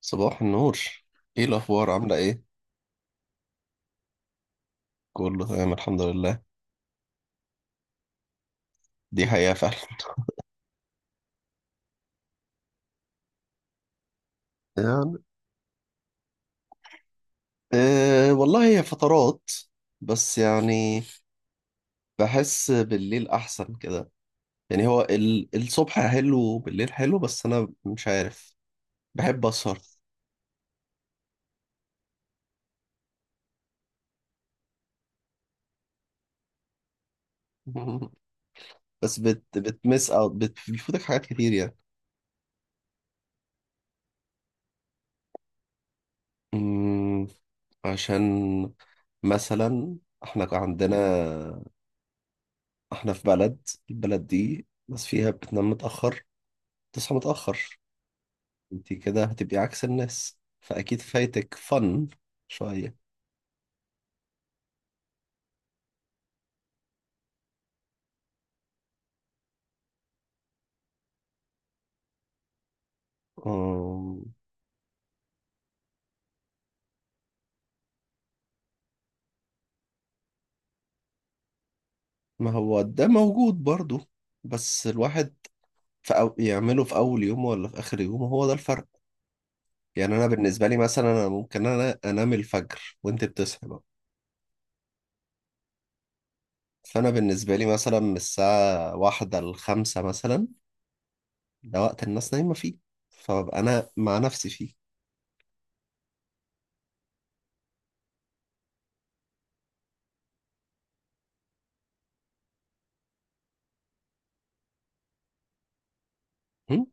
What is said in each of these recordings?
صباح النور. ايه الاخبار، عامله ايه؟ كله تمام الحمد لله. دي حقيقه فعلا. يعني إيه والله، هي فترات بس. يعني بحس بالليل احسن كده. يعني هو الصبح حلو وبالليل حلو، بس انا مش عارف. بحب اسهر. بس بت بتمس او بت- بتفوتك حاجات كتير يعني. أمم، عشان مثلا احنا عندنا، احنا في بلد، البلد دي بس فيها بتنام متأخر، تصحى متأخر. انت كده هتبقي عكس الناس، فأكيد فايتك فن شوية. أم، ما هو ده موجود برضو، بس الواحد يعمله في أول يوم ولا في آخر يوم، هو ده الفرق. يعني أنا بالنسبة لي مثلا، أنا ممكن أنام الفجر وأنت بتصحي بقى. فأنا بالنسبة لي مثلا من الساعة واحدة لخمسة مثلا، ده وقت الناس نايمة فيه، فببقى أنا مع نفسي فيه. هم؟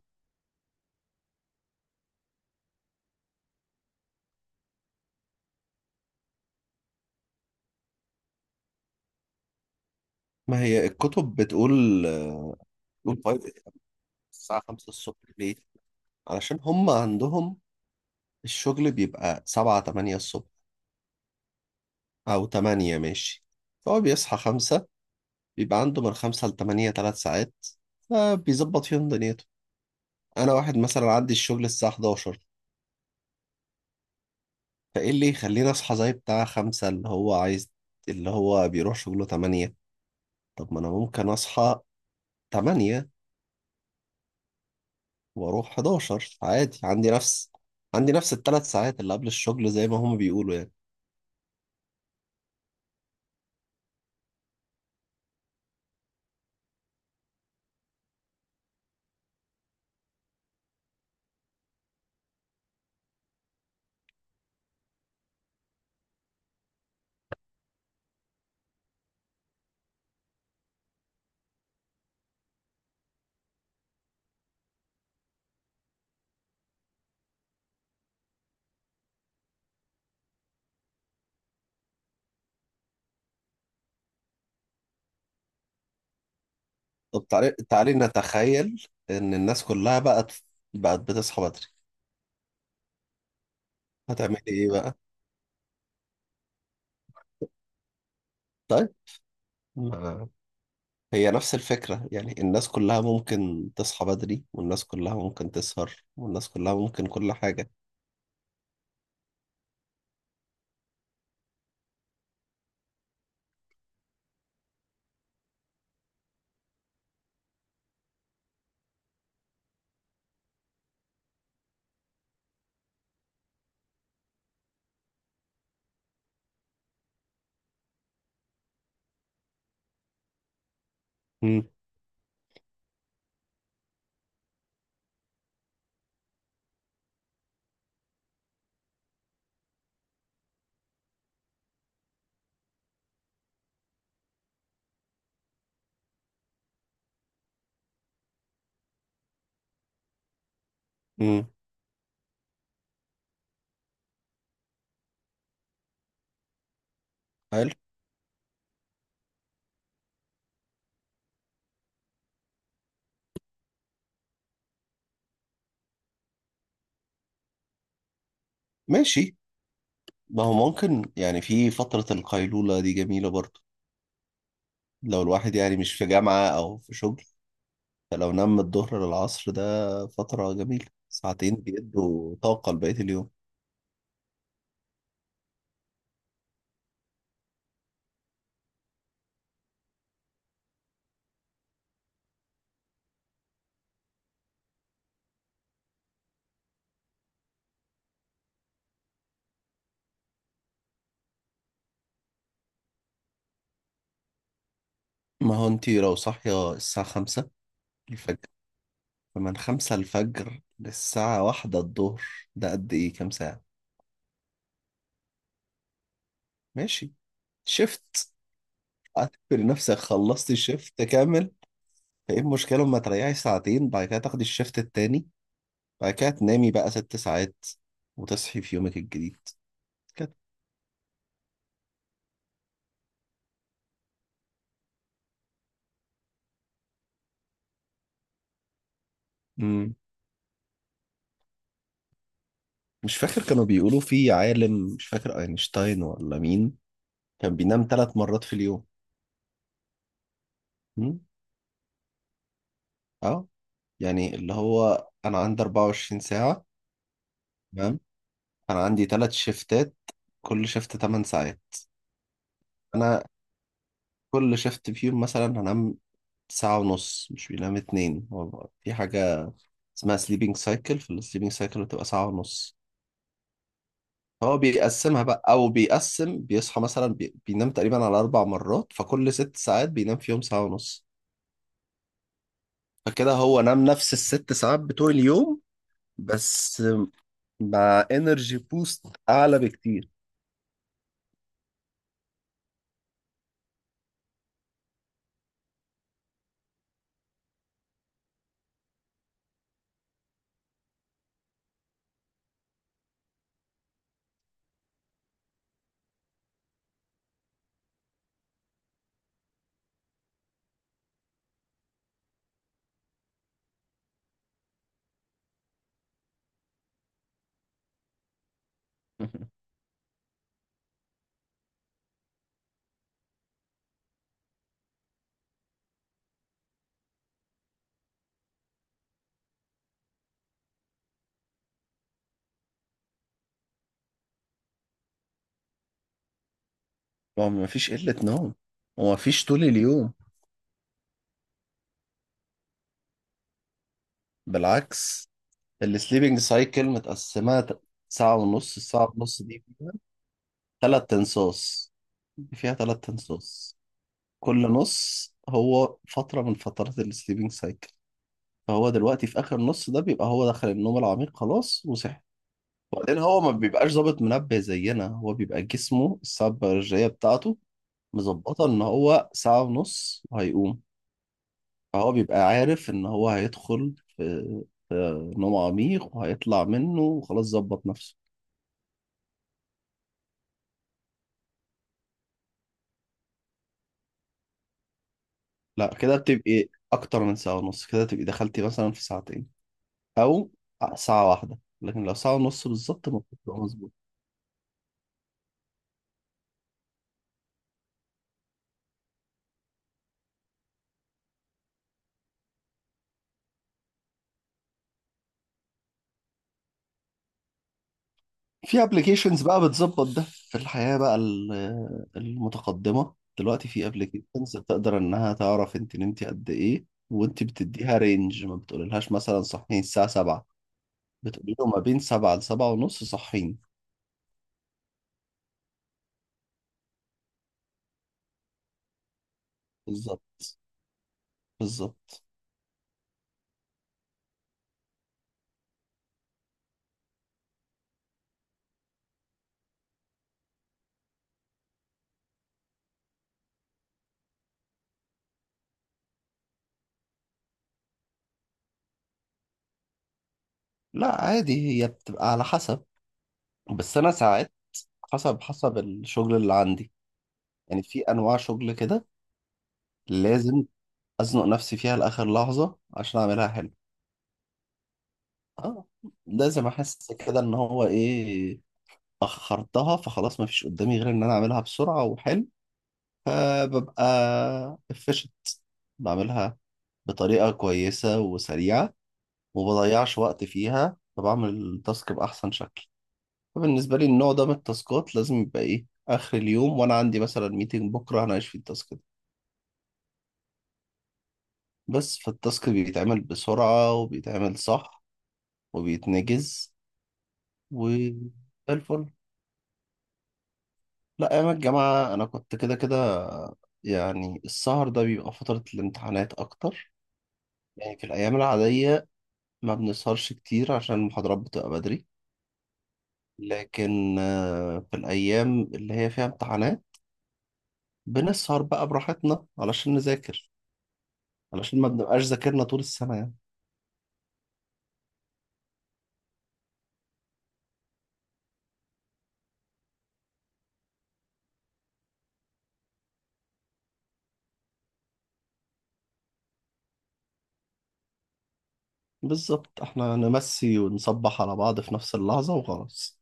ما هي الكتب بتقول آه، قول 5. الساعة 5 الصبح ليه؟ علشان هم عندهم الشغل بيبقى سبعة تمانية الصبح، أو تمانية ماشي. فهو بيصحى خمسة، بيبقى عنده من خمسة لتمانية تلات ساعات، فبيظبط فيهم دنيته. أنا واحد مثلا عندي الشغل الساعة 11، فإيه اللي يخليني أصحى زي بتاع خمسة اللي هو عايز، اللي هو بيروح شغله تمانية. طب ما أنا ممكن أصحى تمانية وأروح 11 عادي. عندي نفس التلات ساعات اللي قبل الشغل زي ما هم بيقولوا يعني. طب تعالي تعالي، نتخيل ان الناس كلها بقت بتصحى بدري، هتعملي ايه بقى؟ طيب. ما هي نفس الفكرة يعني، الناس كلها ممكن تصحى بدري والناس كلها ممكن تسهر والناس كلها ممكن كل حاجة. امم. امم. حلو. ماشي. ما هو ممكن يعني في فترة القيلولة دي جميلة برضو، لو الواحد يعني مش في جامعة او في شغل. فلو نام من الظهر للعصر، ده فترة جميلة ساعتين بيدوا طاقة لبقية اليوم. ما هو انتي لو صاحية الساعة خمسة الفجر، فمن خمسة الفجر للساعة واحدة الظهر، ده قد إيه كام ساعة؟ ماشي. شفت؟ اعتبر نفسك خلصت الشفت كامل. فإيه المشكلة لما تريحي ساعتين، بعد كده تاخدي الشفت التاني، بعد كده تنامي بقى ست ساعات وتصحي في يومك الجديد كده. مم. مش فاكر كانوا بيقولوا في عالم، مش فاكر أينشتاين ولا مين، كان بينام ثلاث مرات في اليوم. مم؟ اه. يعني اللي هو أنا عندي 24 ساعة، تمام، انا عندي ثلاث شيفتات، كل شيفت 8 ساعات. انا كل شيفت فيهم مثلا هنام ساعة ونص، مش بينام اتنين. هو في حاجة اسمها سليبنج سايكل، في السليبنج سايكل بتبقى ساعة ونص. هو بيقسمها بقى، او بيقسم بيصحى مثلا، بينام تقريبا على اربع مرات، فكل ست ساعات بينام فيهم ساعة ونص. فكده هو نام نفس الست ساعات بتوع اليوم، بس مع انرجي بوست اعلى بكتير. هو مفيش قلة نوم ومفيش طول اليوم. بالعكس، السليبنج سايكل متقسمة ساعة ونص، الساعة ونص دي فيها ثلاث تنصاص فيها ثلاث تنصاص. كل نص هو فترة من فترات السليبنج سايكل. فهو دلوقتي في آخر نص، ده بيبقى هو دخل النوم العميق خلاص وصحي. وبعدين هو ما بيبقاش ظابط منبه زينا، هو بيبقى جسمه الساعة البيولوجية بتاعته مظبطة إن هو ساعة ونص وهيقوم، فهو بيبقى عارف إن هو هيدخل في نوم عميق وهيطلع منه وخلاص ظبط نفسه. لا، كده بتبقي اكتر من ساعة ونص، كده تبقي دخلتي مثلا في ساعتين، او ساعة واحدة، لكن لو ساعة ونص بالظبط ما بتبقى مظبوط. في ابلكيشنز بقى بتظبط ده، في الحياة بقى المتقدمة دلوقتي في ابلكيشنز بتقدر انها تعرف انت نمتي قد ايه. وانت بتديها رينج، ما بتقوللهاش مثلا صحيين الساعة 7، بتقولي له ما بين 7 ل 7 ونص صحيين. بالظبط. بالظبط. لا، عادي هي بتبقى على حسب. بس انا ساعات حسب الشغل اللي عندي. يعني في انواع شغل كده لازم ازنق نفسي فيها لاخر لحظه عشان اعملها حلو. اه. لازم احس كده ان هو ايه اخرتها، فخلاص ما فيش قدامي غير ان انا اعملها بسرعه وحلو. فببقى efficient. بعملها بطريقه كويسه وسريعه وما بضيعش وقت فيها، فبعمل التاسك باحسن شكل. فبالنسبه لي النوع ده من التاسكات لازم يبقى ايه اخر اليوم وانا عندي مثلا ميتنج بكره هناقش فيه التاسك ده بس، فالتاسك بيتعمل بسرعة وبيتعمل صح وبيتنجز وزي الفل. لا، أيام الجامعة أنا كنت كده كده. يعني السهر ده بيبقى فترة الامتحانات أكتر. يعني في الأيام العادية ما بنسهرش كتير عشان المحاضرات بتبقى بدري، لكن آه، في الأيام اللي هي فيها امتحانات بنسهر بقى براحتنا علشان نذاكر، علشان ما بنبقاش ذاكرنا طول السنة يعني. بالظبط. احنا نمسي ونصبح على بعض في نفس اللحظة وخلاص.